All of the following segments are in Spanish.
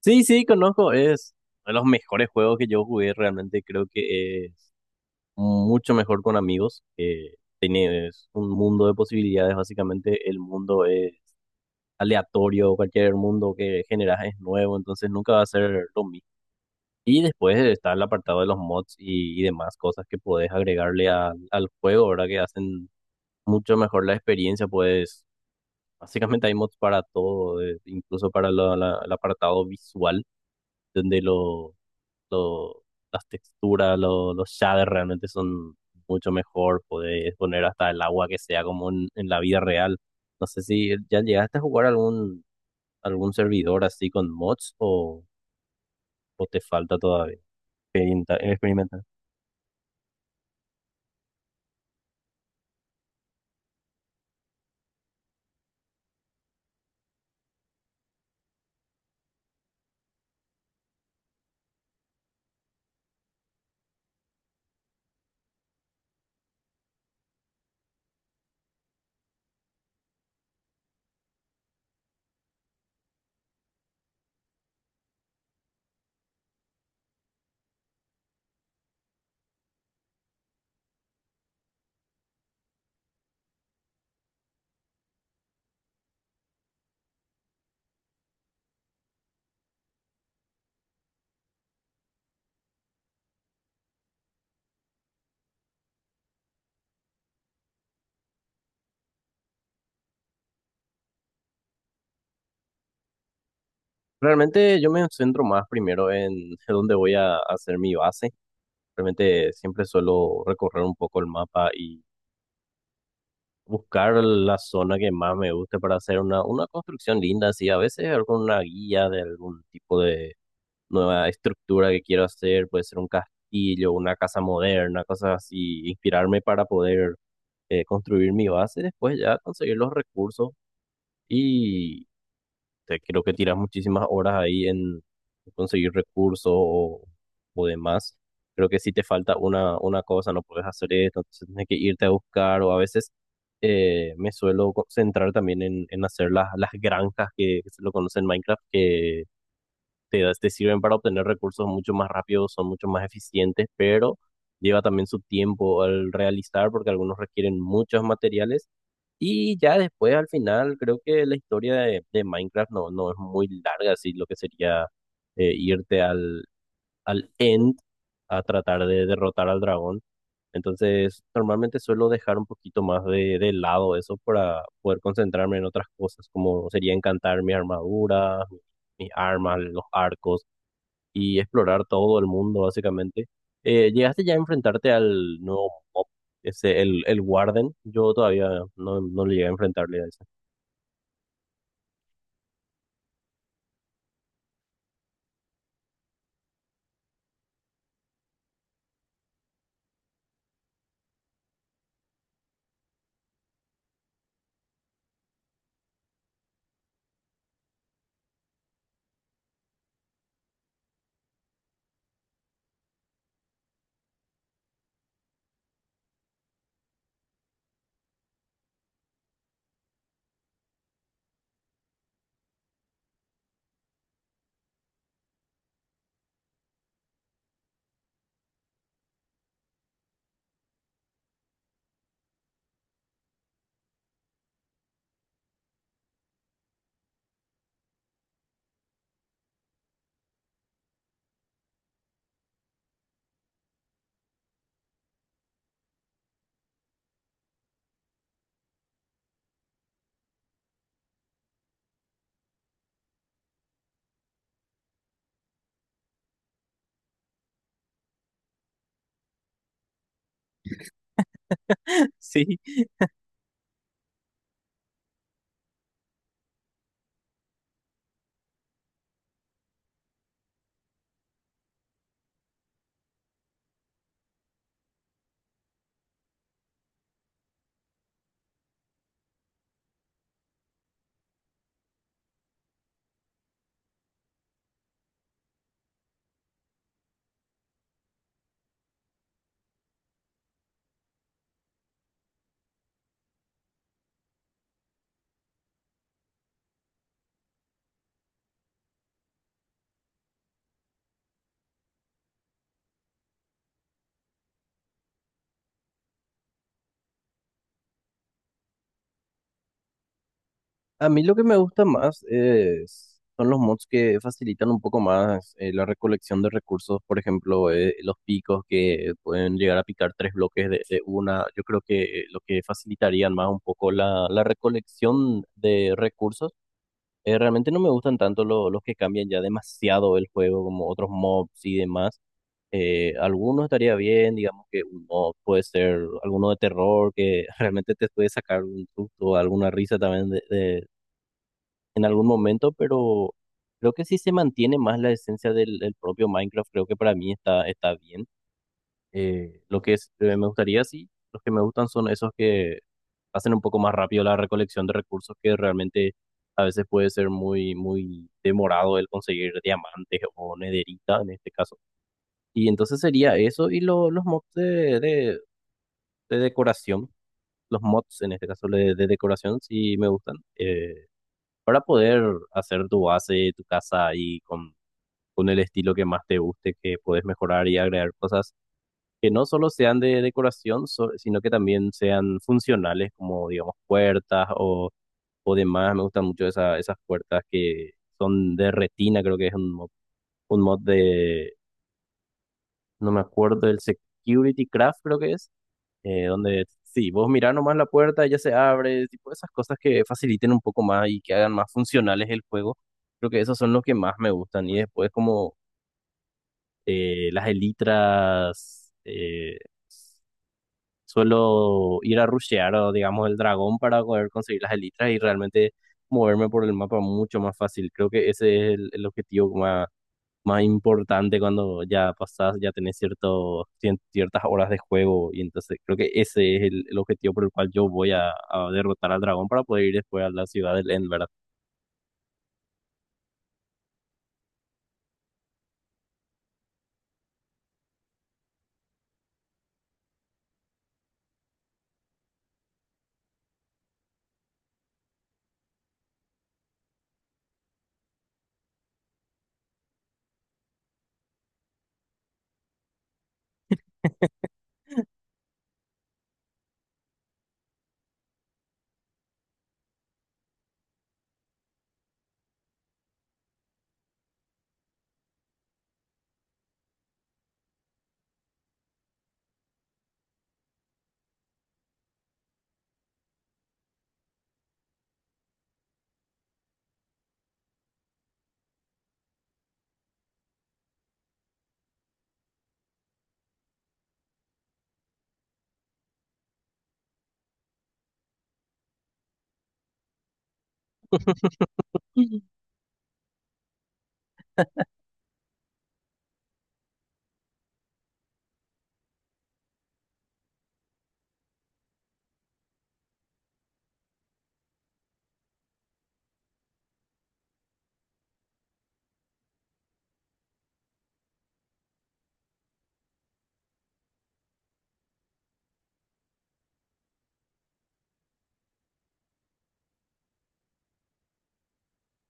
Sí, sí, conozco. Es uno de los mejores juegos que yo jugué. Realmente creo que es mucho mejor con amigos. Tienes un mundo de posibilidades. Básicamente, el mundo es aleatorio. Cualquier mundo que generas es nuevo. Entonces, nunca va a ser lo mismo. Y después está el apartado de los mods y demás cosas que puedes agregarle al juego, ¿verdad? Que hacen mucho mejor la experiencia. Pues, básicamente, hay mods para todo, incluso para el apartado visual, donde los lo- las texturas, los shaders realmente son mucho mejor. Podés poner hasta el agua que sea como en la vida real. No sé si ya llegaste a jugar algún servidor así con mods o te falta todavía experimentar. Realmente yo me centro más primero en dónde voy a hacer mi base. Realmente siempre suelo recorrer un poco el mapa y buscar la zona que más me guste para hacer una construcción linda, así a veces con una guía de algún tipo de nueva estructura que quiero hacer, puede ser un castillo, una casa moderna, cosas así, inspirarme para poder construir mi base, después ya conseguir los recursos y creo que tiras muchísimas horas ahí en conseguir recursos o demás. Creo que si te falta una cosa, no puedes hacer esto, entonces tienes que irte a buscar o a veces me suelo centrar también en hacer las granjas que se lo conocen en Minecraft, que te sirven para obtener recursos mucho más rápidos, son mucho más eficientes, pero lleva también su tiempo al realizar porque algunos requieren muchos materiales. Y ya después, al final, creo que la historia de Minecraft no es muy larga, así lo que sería irte al end a tratar de derrotar al dragón. Entonces, normalmente suelo dejar un poquito más de lado eso para poder concentrarme en otras cosas, como sería encantar mi armadura, mis armas, los arcos y explorar todo el mundo, básicamente. ¿Llegaste ya a enfrentarte al nuevo mob, ese, el Warden? Yo todavía no le llegué a enfrentarle a ese. Sí, a mí lo que me gusta más es, son los mods que facilitan un poco más la recolección de recursos, por ejemplo, los picos que pueden llegar a picar tres bloques de una. Yo creo que lo que facilitarían más un poco la recolección de recursos. Realmente no me gustan tanto los que cambian ya demasiado el juego, como otros mobs y demás. Algunos estaría bien, digamos que un mob puede ser alguno de terror que realmente te puede sacar un susto, alguna risa también en algún momento, pero creo que si se mantiene más la esencia del, del propio Minecraft, creo que para mí está, está bien. Me gustaría, sí, los que me gustan son esos que hacen un poco más rápido la recolección de recursos, que realmente a veces puede ser muy, muy demorado el conseguir diamantes o nederita en este caso. Y entonces sería eso y los mods de decoración, los mods en este caso de decoración, sí me gustan, para poder hacer tu base, tu casa y con el estilo que más te guste, que puedes mejorar y agregar cosas que no solo sean de decoración, sino que también sean funcionales, como digamos puertas o demás. Me gustan mucho esas puertas que son de retina, creo que es un mod, un mod de, no me acuerdo, el Security Craft creo que es, donde sí, vos mirás nomás la puerta, ya se abre, tipo esas cosas que faciliten un poco más y que hagan más funcionales el juego. Creo que esos son los que más me gustan. Y después como las elitras. Suelo ir a rushear, o, digamos, el dragón para poder conseguir las elitras y realmente moverme por el mapa mucho más fácil. Creo que ese es el objetivo más, más importante cuando ya pasás, ya tenés cierto, ciertas horas de juego. Y entonces creo que ese es el objetivo por el cual yo voy a derrotar al dragón para poder ir después a la ciudad del End, ¿verdad?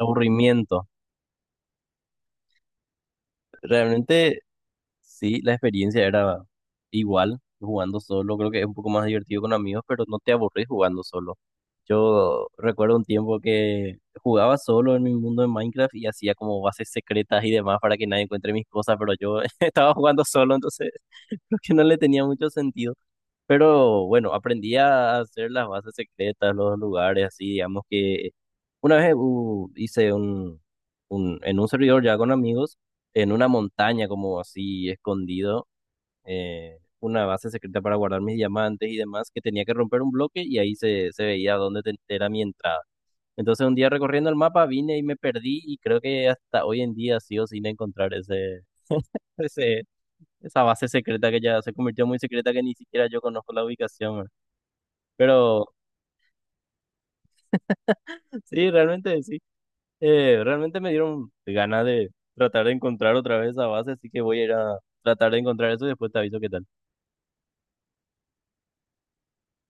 Aburrimiento. Realmente sí, la experiencia era igual jugando solo. Creo que es un poco más divertido con amigos, pero no te aburrís jugando solo. Yo recuerdo un tiempo que jugaba solo en mi mundo de Minecraft y hacía como bases secretas y demás para que nadie encuentre mis cosas, pero yo estaba jugando solo, entonces creo que no le tenía mucho sentido. Pero bueno, aprendí a hacer las bases secretas, los lugares, así, digamos que una vez hice en un servidor ya con amigos, en una montaña como así escondido, una base secreta para guardar mis diamantes y demás, que tenía que romper un bloque y ahí se veía dónde era mi entrada. Entonces un día recorriendo el mapa vine y me perdí y creo que hasta hoy en día sigo sin encontrar ese, ese, esa base secreta que ya se convirtió en muy secreta que ni siquiera yo conozco la ubicación, ¿verdad? Pero sí, realmente sí. Realmente me dieron ganas de tratar de encontrar otra vez esa base, así que voy a ir a tratar de encontrar eso y después te aviso qué tal.